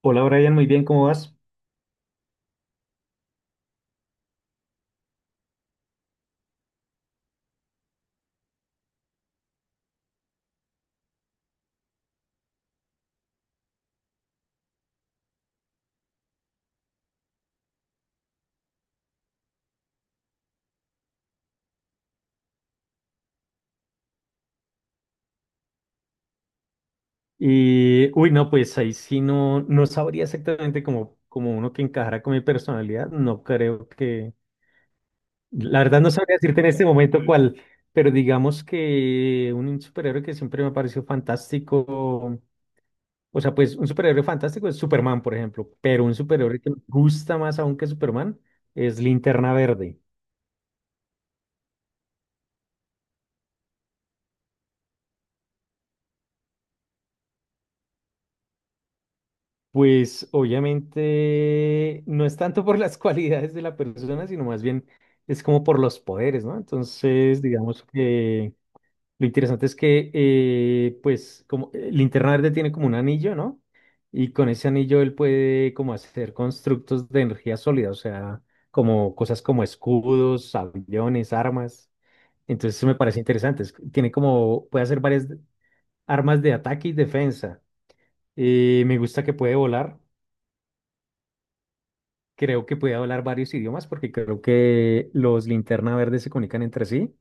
Hola Brian, muy bien, ¿cómo vas? Y, uy, no, pues ahí sí no, no sabría exactamente como uno que encajara con mi personalidad, no creo que, la verdad no sabría decirte en este momento cuál, pero digamos que un superhéroe que siempre me ha parecido fantástico, o sea, pues un superhéroe fantástico es Superman, por ejemplo, pero un superhéroe que me gusta más aún que Superman es Linterna Verde. Pues obviamente no es tanto por las cualidades de la persona, sino más bien es como por los poderes, ¿no? Entonces, digamos que lo interesante es que, pues, como Linterna Verde tiene como un anillo, ¿no? Y con ese anillo él puede como hacer constructos de energía sólida, o sea, como cosas como escudos, aviones, armas. Entonces, eso me parece interesante. Tiene como, puede hacer varias armas de ataque y defensa. Me gusta que puede volar. Creo que puede hablar varios idiomas porque creo que los linterna verde se comunican entre sí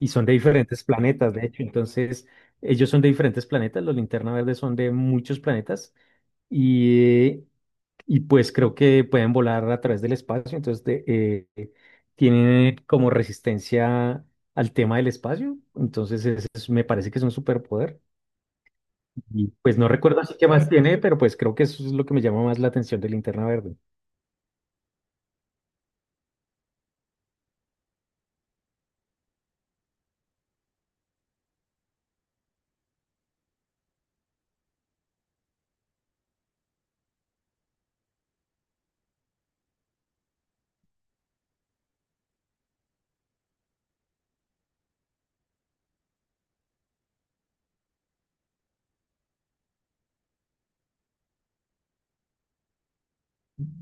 y son de diferentes planetas, de hecho. Entonces, ellos son de diferentes planetas, los linterna verde son de muchos planetas y, y pues creo que pueden volar a través del espacio. Entonces, tienen como resistencia al tema del espacio. Entonces, me parece que es un superpoder. Y pues no recuerdo así qué más tiene, pero pues creo que eso es lo que me llama más la atención del linterna verde.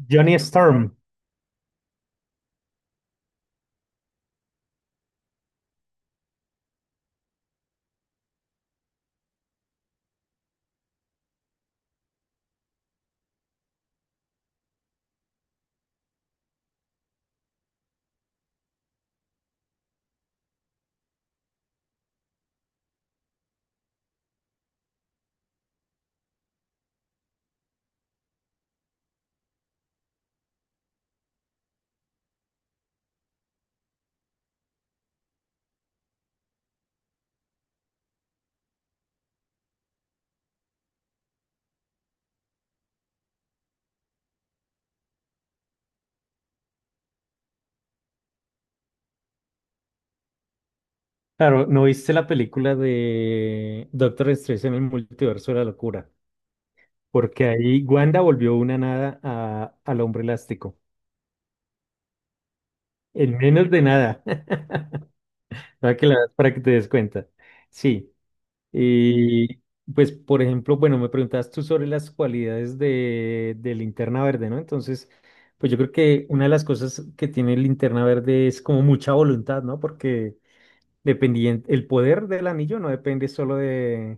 Johnny Storm. Claro, ¿no viste la película de Doctor Strange en el multiverso de la locura? Porque ahí Wanda volvió una nada al hombre elástico. En menos de nada. Para que, para que te des cuenta. Sí. Y pues, por ejemplo, bueno, me preguntabas tú sobre las cualidades de Linterna Verde, ¿no? Entonces, pues yo creo que una de las cosas que tiene Linterna Verde es como mucha voluntad, ¿no? Porque dependiente, el poder del anillo no depende solo de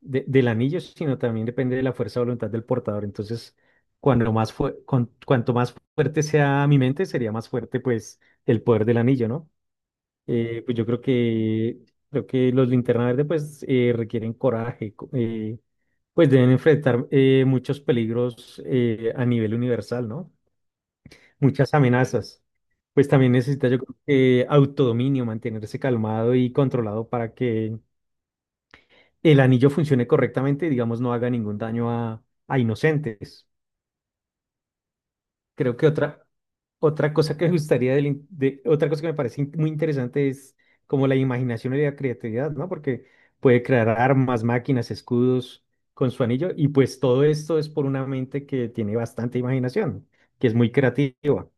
de- del anillo, sino también depende de la fuerza de voluntad del portador. Entonces, cuando más fue, con- cuanto más fuerte sea mi mente, sería más fuerte pues el poder del anillo, ¿no? Pues yo creo que los linterna verde pues requieren coraje, pues deben enfrentar muchos peligros a nivel universal, ¿no? Muchas amenazas. Pues también necesita yo creo que autodominio, mantenerse calmado y controlado para que el anillo funcione correctamente y, digamos, no haga ningún daño a inocentes. Creo que otra cosa que me gustaría, otra cosa que me parece muy interesante es como la imaginación y la creatividad, ¿no? Porque puede crear armas, máquinas, escudos con su anillo y pues todo esto es por una mente que tiene bastante imaginación, que es muy creativa.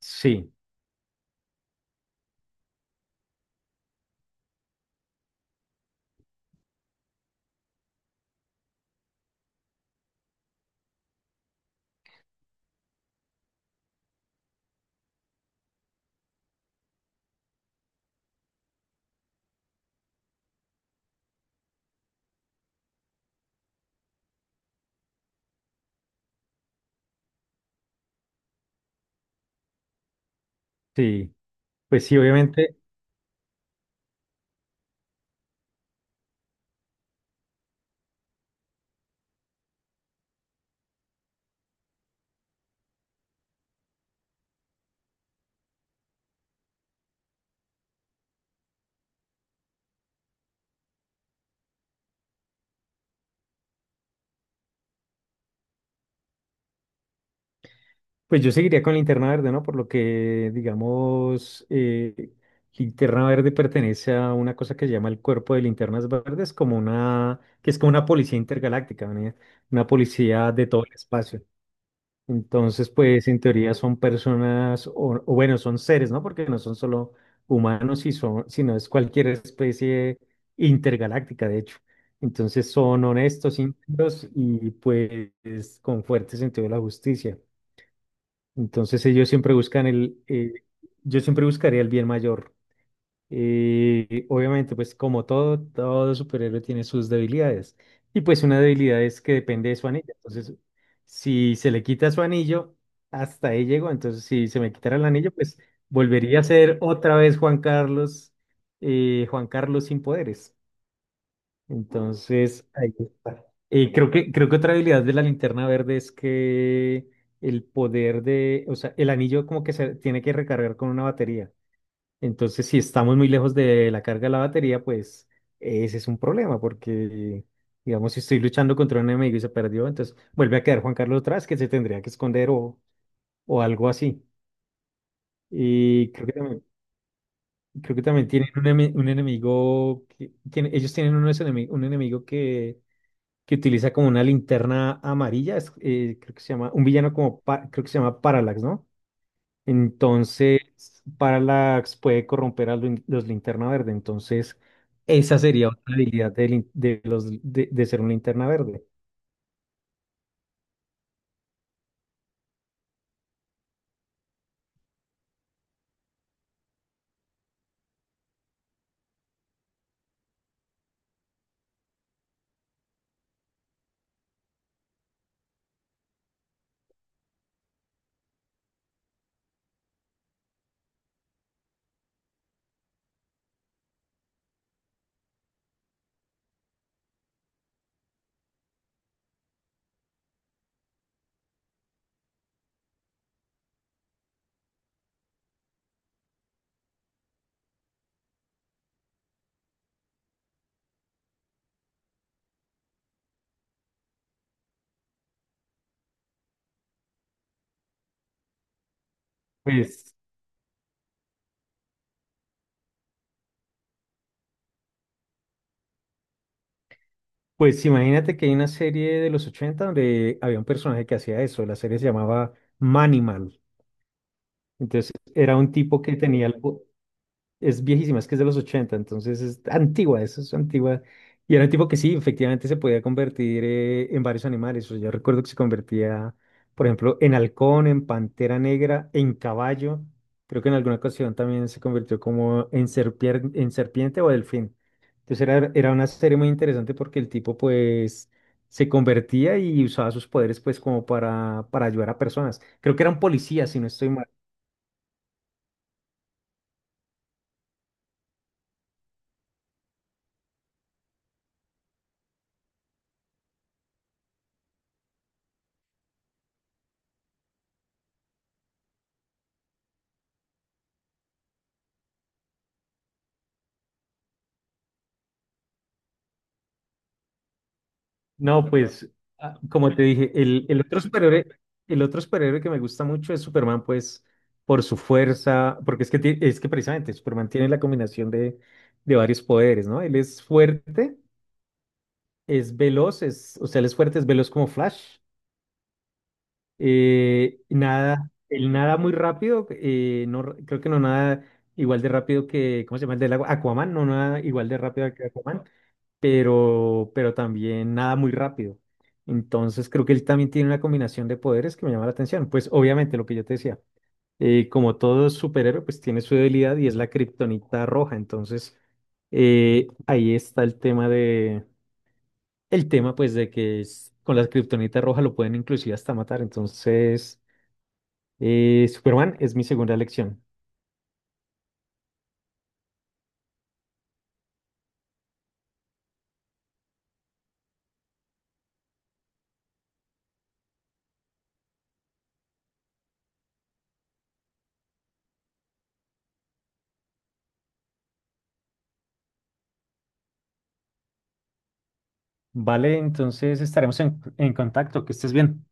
Sí, sí. Pues sí, obviamente. Pues yo seguiría con Linterna Verde, ¿no? Por lo que, digamos, Linterna Verde pertenece a una cosa que se llama el Cuerpo de Linternas Verdes, como una, que es como una policía intergaláctica, ¿no? Una policía de todo el espacio. Entonces, pues en teoría son personas, o bueno, son seres, ¿no? Porque no son solo humanos, y son, sino es cualquier especie intergaláctica, de hecho. Entonces son honestos, íntegros y pues con fuerte sentido de la justicia. Entonces ellos siempre buscan el, yo siempre buscaría el bien mayor. Obviamente, pues como todo superhéroe tiene sus debilidades. Y pues una debilidad es que depende de su anillo. Entonces, si se le quita su anillo, hasta ahí llegó. Entonces, si se me quitara el anillo, pues volvería a ser otra vez Juan Carlos, Juan Carlos sin poderes. Entonces, ahí está. Creo que otra habilidad de la linterna verde es que el poder de, o sea, el anillo como que se tiene que recargar con una batería. Entonces, si estamos muy lejos de la carga de la batería, pues ese es un problema, porque digamos, si estoy luchando contra un enemigo y se perdió, entonces vuelve a quedar Juan Carlos atrás, que se tendría que esconder o algo así. Y creo que también, tienen un enemigo, ellos tienen un enemigo que utiliza como una linterna amarilla, creo que se llama, un villano como, creo que se llama Parallax, ¿no? Entonces, Parallax puede corromper a los linterna verde, entonces esa sería otra habilidad de, lin- de los, de ser un linterna verde. Pues, pues, imagínate que hay una serie de los 80 donde había un personaje que hacía eso, la serie se llamaba Manimal, entonces era un tipo que tenía es viejísima, es que es de los 80, entonces es antigua, eso es antigua. Y era un tipo que sí, efectivamente se podía convertir en varios animales. O sea, yo recuerdo que se convertía, por ejemplo, en halcón, en pantera negra, en caballo. Creo que en alguna ocasión también se convirtió como en serpiente o delfín. Entonces era una serie muy interesante porque el tipo pues se convertía y usaba sus poderes pues como para ayudar a personas. Creo que eran policías, si no estoy mal. No, pues, ah, como te dije, el otro superhéroe, que me gusta mucho es Superman, pues, por su fuerza, porque es que, es que precisamente Superman tiene la combinación de varios poderes, ¿no? Él es fuerte, es veloz, o sea, él es fuerte, es veloz como Flash, nada, él nada muy rápido, no, creo que no nada igual de rápido que, ¿cómo se llama el del agua? Aquaman, no nada igual de rápido que Aquaman, pero también nada muy rápido. Entonces creo que él también tiene una combinación de poderes que me llama la atención. Pues obviamente lo que yo te decía, como todo superhéroe, pues tiene su debilidad y es la kriptonita roja. Entonces ahí está el tema de, el tema pues de que con la kriptonita roja lo pueden inclusive hasta matar. Entonces Superman es mi segunda elección. Vale, entonces estaremos en contacto. Que estés bien.